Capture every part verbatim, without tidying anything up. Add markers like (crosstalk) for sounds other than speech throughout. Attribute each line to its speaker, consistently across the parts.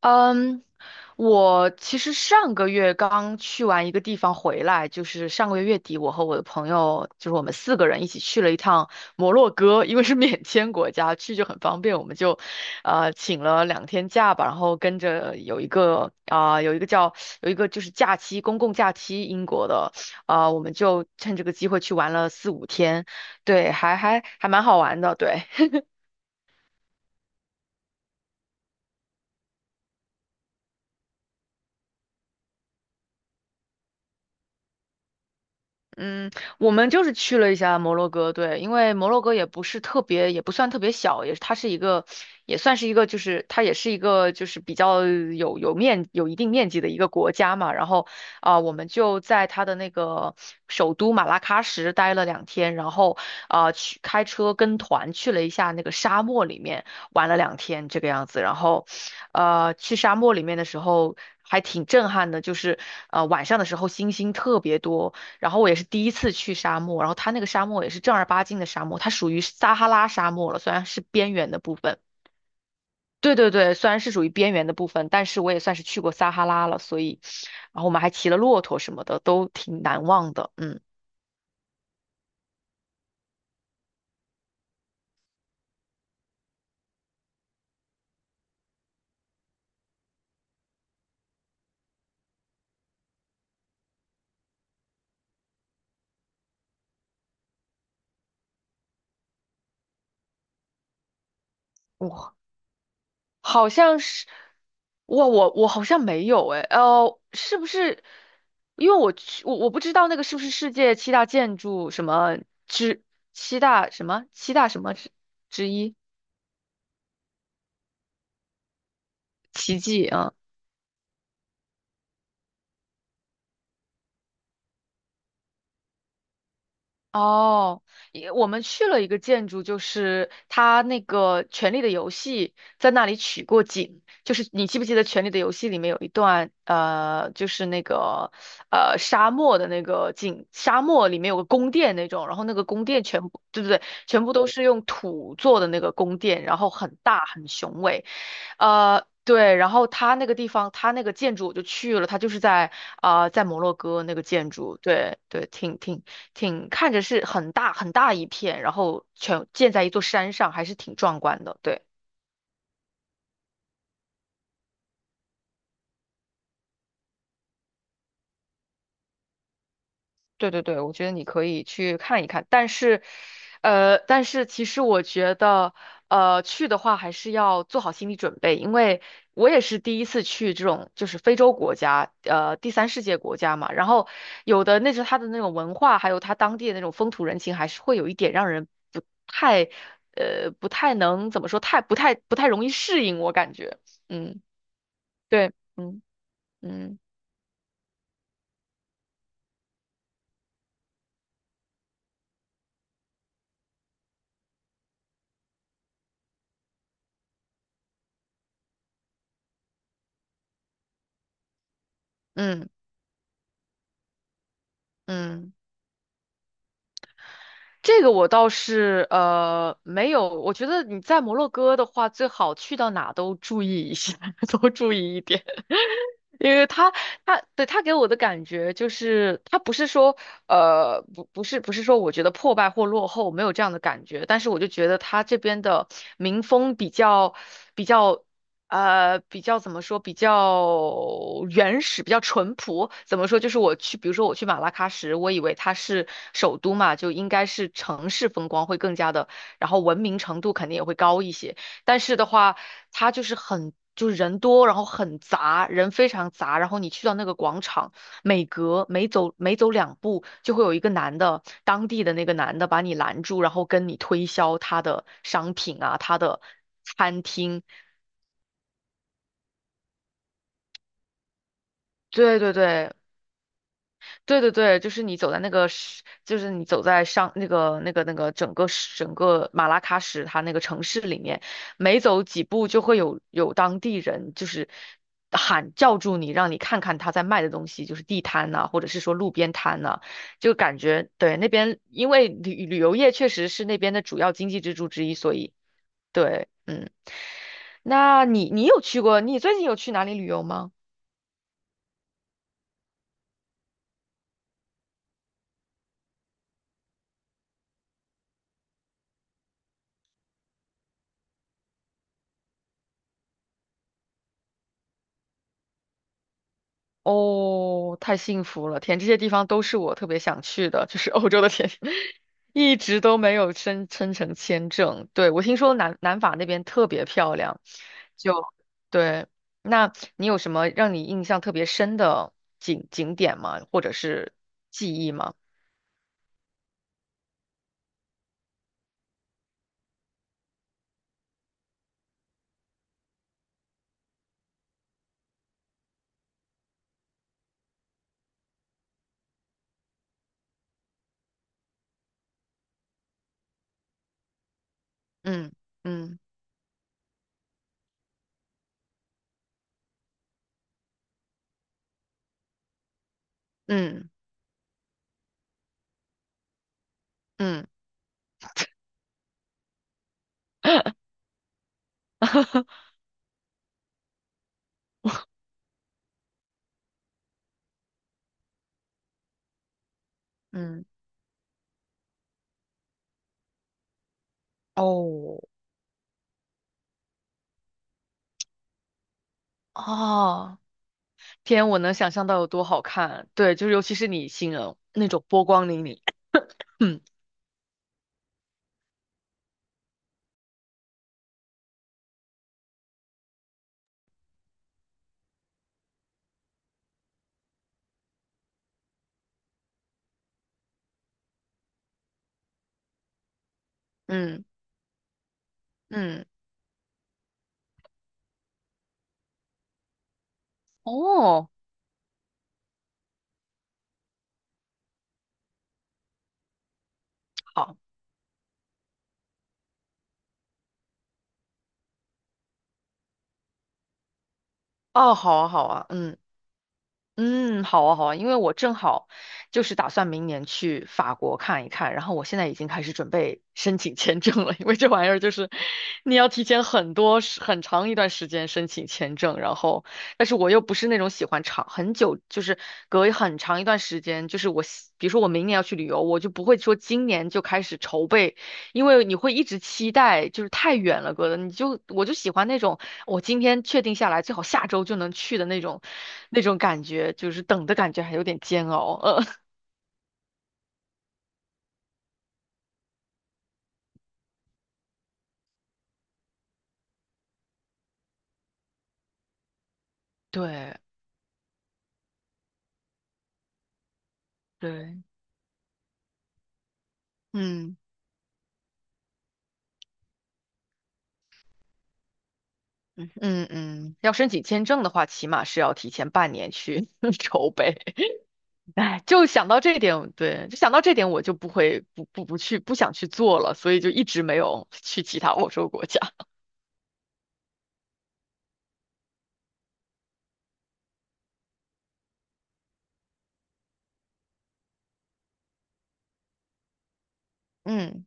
Speaker 1: 嗯，我其实上个月刚去完一个地方回来，就是上个月月底，我和我的朋友，就是我们四个人一起去了一趟摩洛哥，因为是免签国家，去就很方便，我们就，呃，请了两天假吧，然后跟着有一个啊、有一个叫有一个就是假期，公共假期，英国的，啊、我们就趁这个机会去玩了四五天，对，还还还蛮好玩的，对。嗯，我们就是去了一下摩洛哥，对，因为摩洛哥也不是特别，也不算特别小，也它是一个，也算是一个，就是它也是一个，就是比较有有面有一定面积的一个国家嘛。然后啊、我们就在它的那个首都马拉喀什待了两天，然后啊、去开车跟团去了一下那个沙漠里面玩了两天这个样子。然后，呃，去沙漠里面的时候还挺震撼的，就是呃晚上的时候星星特别多。然后我也是第一次去沙漠，然后它那个沙漠也是正儿八经的沙漠，它属于撒哈拉沙漠了，虽然是边缘的部分。对对对，虽然是属于边缘的部分，但是我也算是去过撒哈拉了，所以，然后我们还骑了骆驼什么的，都挺难忘的。嗯，我好像是，哇，我我好像没有诶，呃，是不是？因为我去，我我不知道那个是不是世界七大建筑什么之七大什么七大什么之之一奇迹啊。哦，也我们去了一个建筑，就是它那个《权力的游戏》在那里取过景，就是你记不记得《权力的游戏》里面有一段，呃，就是那个呃沙漠的那个景，沙漠里面有个宫殿那种，然后那个宫殿全部，对对对，全部都是用土做的那个宫殿，然后很大很雄伟。呃，对，然后他那个地方，他那个建筑我就去了，他就是在啊、呃在摩洛哥那个建筑，对对，挺挺挺，看着是很大很大一片，然后全建在一座山上，还是挺壮观的，对。对对对，我觉得你可以去看一看，但是，呃，但是其实我觉得，呃，去的话还是要做好心理准备，因为我也是第一次去这种就是非洲国家，呃，第三世界国家嘛，然后有的那是他的那种文化，还有他当地的那种风土人情，还是会有一点让人不太，呃，不太能怎么说，太不太不太容易适应，我感觉，嗯，对，嗯嗯嗯嗯。这个我倒是呃没有，我觉得你在摩洛哥的话，最好去到哪都注意一下，(laughs) 多注意一点。因为他他对他给我的感觉就是，他不是说呃不不是不是说我觉得破败或落后没有这样的感觉，但是我就觉得他这边的民风比较比较呃比较怎么说比较原始，比较淳朴。怎么说？就是我去，比如说我去马拉喀什，我以为它是首都嘛，就应该是城市风光会更加的，然后文明程度肯定也会高一些。但是的话，它就是很，就是人多，然后很杂，人非常杂。然后你去到那个广场，每隔每走每走两步，就会有一个男的，当地的那个男的把你拦住，然后跟你推销他的商品啊，他的餐厅。对对对，对对对，就是你走在那个石就是你走在上那个那个那个整个石整个马拉喀什它那个城市里面，每走几步就会有有当地人就是喊叫住你，让你看看他在卖的东西，就是地摊呐、或者是说路边摊呐、就感觉对那边，因为旅旅游业确实是那边的主要经济支柱之一，所以对，嗯，那你你有去过，你最近有去哪里旅游吗？哦，太幸福了！天，这些地方都是我特别想去的，就是欧洲的天，(laughs) 一直都没有申申成签证。对，我听说南南法那边特别漂亮，就对。那你有什么让你印象特别深的景景点吗？或者是记忆吗？嗯嗯嗯嗯 (laughs) 嗯，哦哦，天，我能想象到有多好看。对，就是尤其是你形容那种波光粼粼。(clears throat) 嗯嗯，哦，好，哦，好啊，好啊，嗯嗯，好啊，好啊，因为我正好就是打算明年去法国看一看，然后我现在已经开始准备申请签证了，因为这玩意儿就是你要提前很多时很长一段时间申请签证，然后但是我又不是那种喜欢长很久，就是隔很长一段时间，就是我喜比如说我明年要去旅游，我就不会说今年就开始筹备。因为你会一直期待，就是太远了，哥的，你就我就喜欢那种我今天确定下来，最好下周就能去的那种，那种感觉，就是等的感觉还有点煎熬。呃，(laughs) 对对，嗯嗯嗯嗯，要申请签证的话，起码是要提前半年去 (laughs) 筹备。哎，就想到这一点，对，就想到这点，我就不会不不不去不想去做了，所以就一直没有去其他欧洲国家。(laughs) 嗯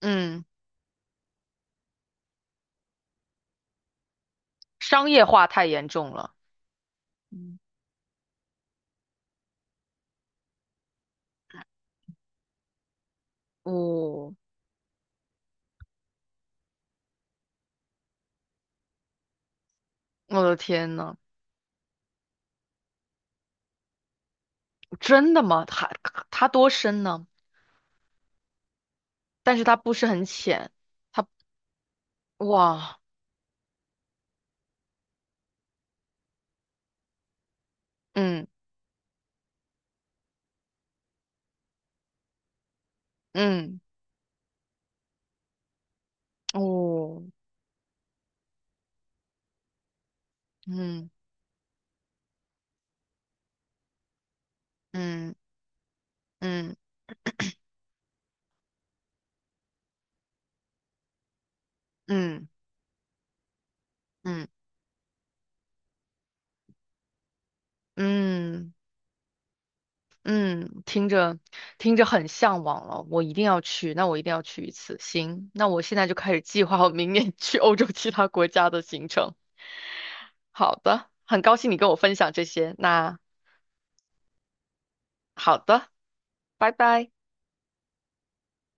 Speaker 1: 嗯，(laughs) 商业化太严重了。嗯，哦。我的天呐，真的吗？它它多深呢？但是它不是很浅，它哇，嗯嗯哦，嗯嗯嗯嗯嗯嗯嗯，听着听着很向往了，我一定要去，那我一定要去一次。行，那我现在就开始计划我明年 (laughs) 去欧洲其他国家的行程。好的，很高兴你跟我分享这些。那好的，拜拜。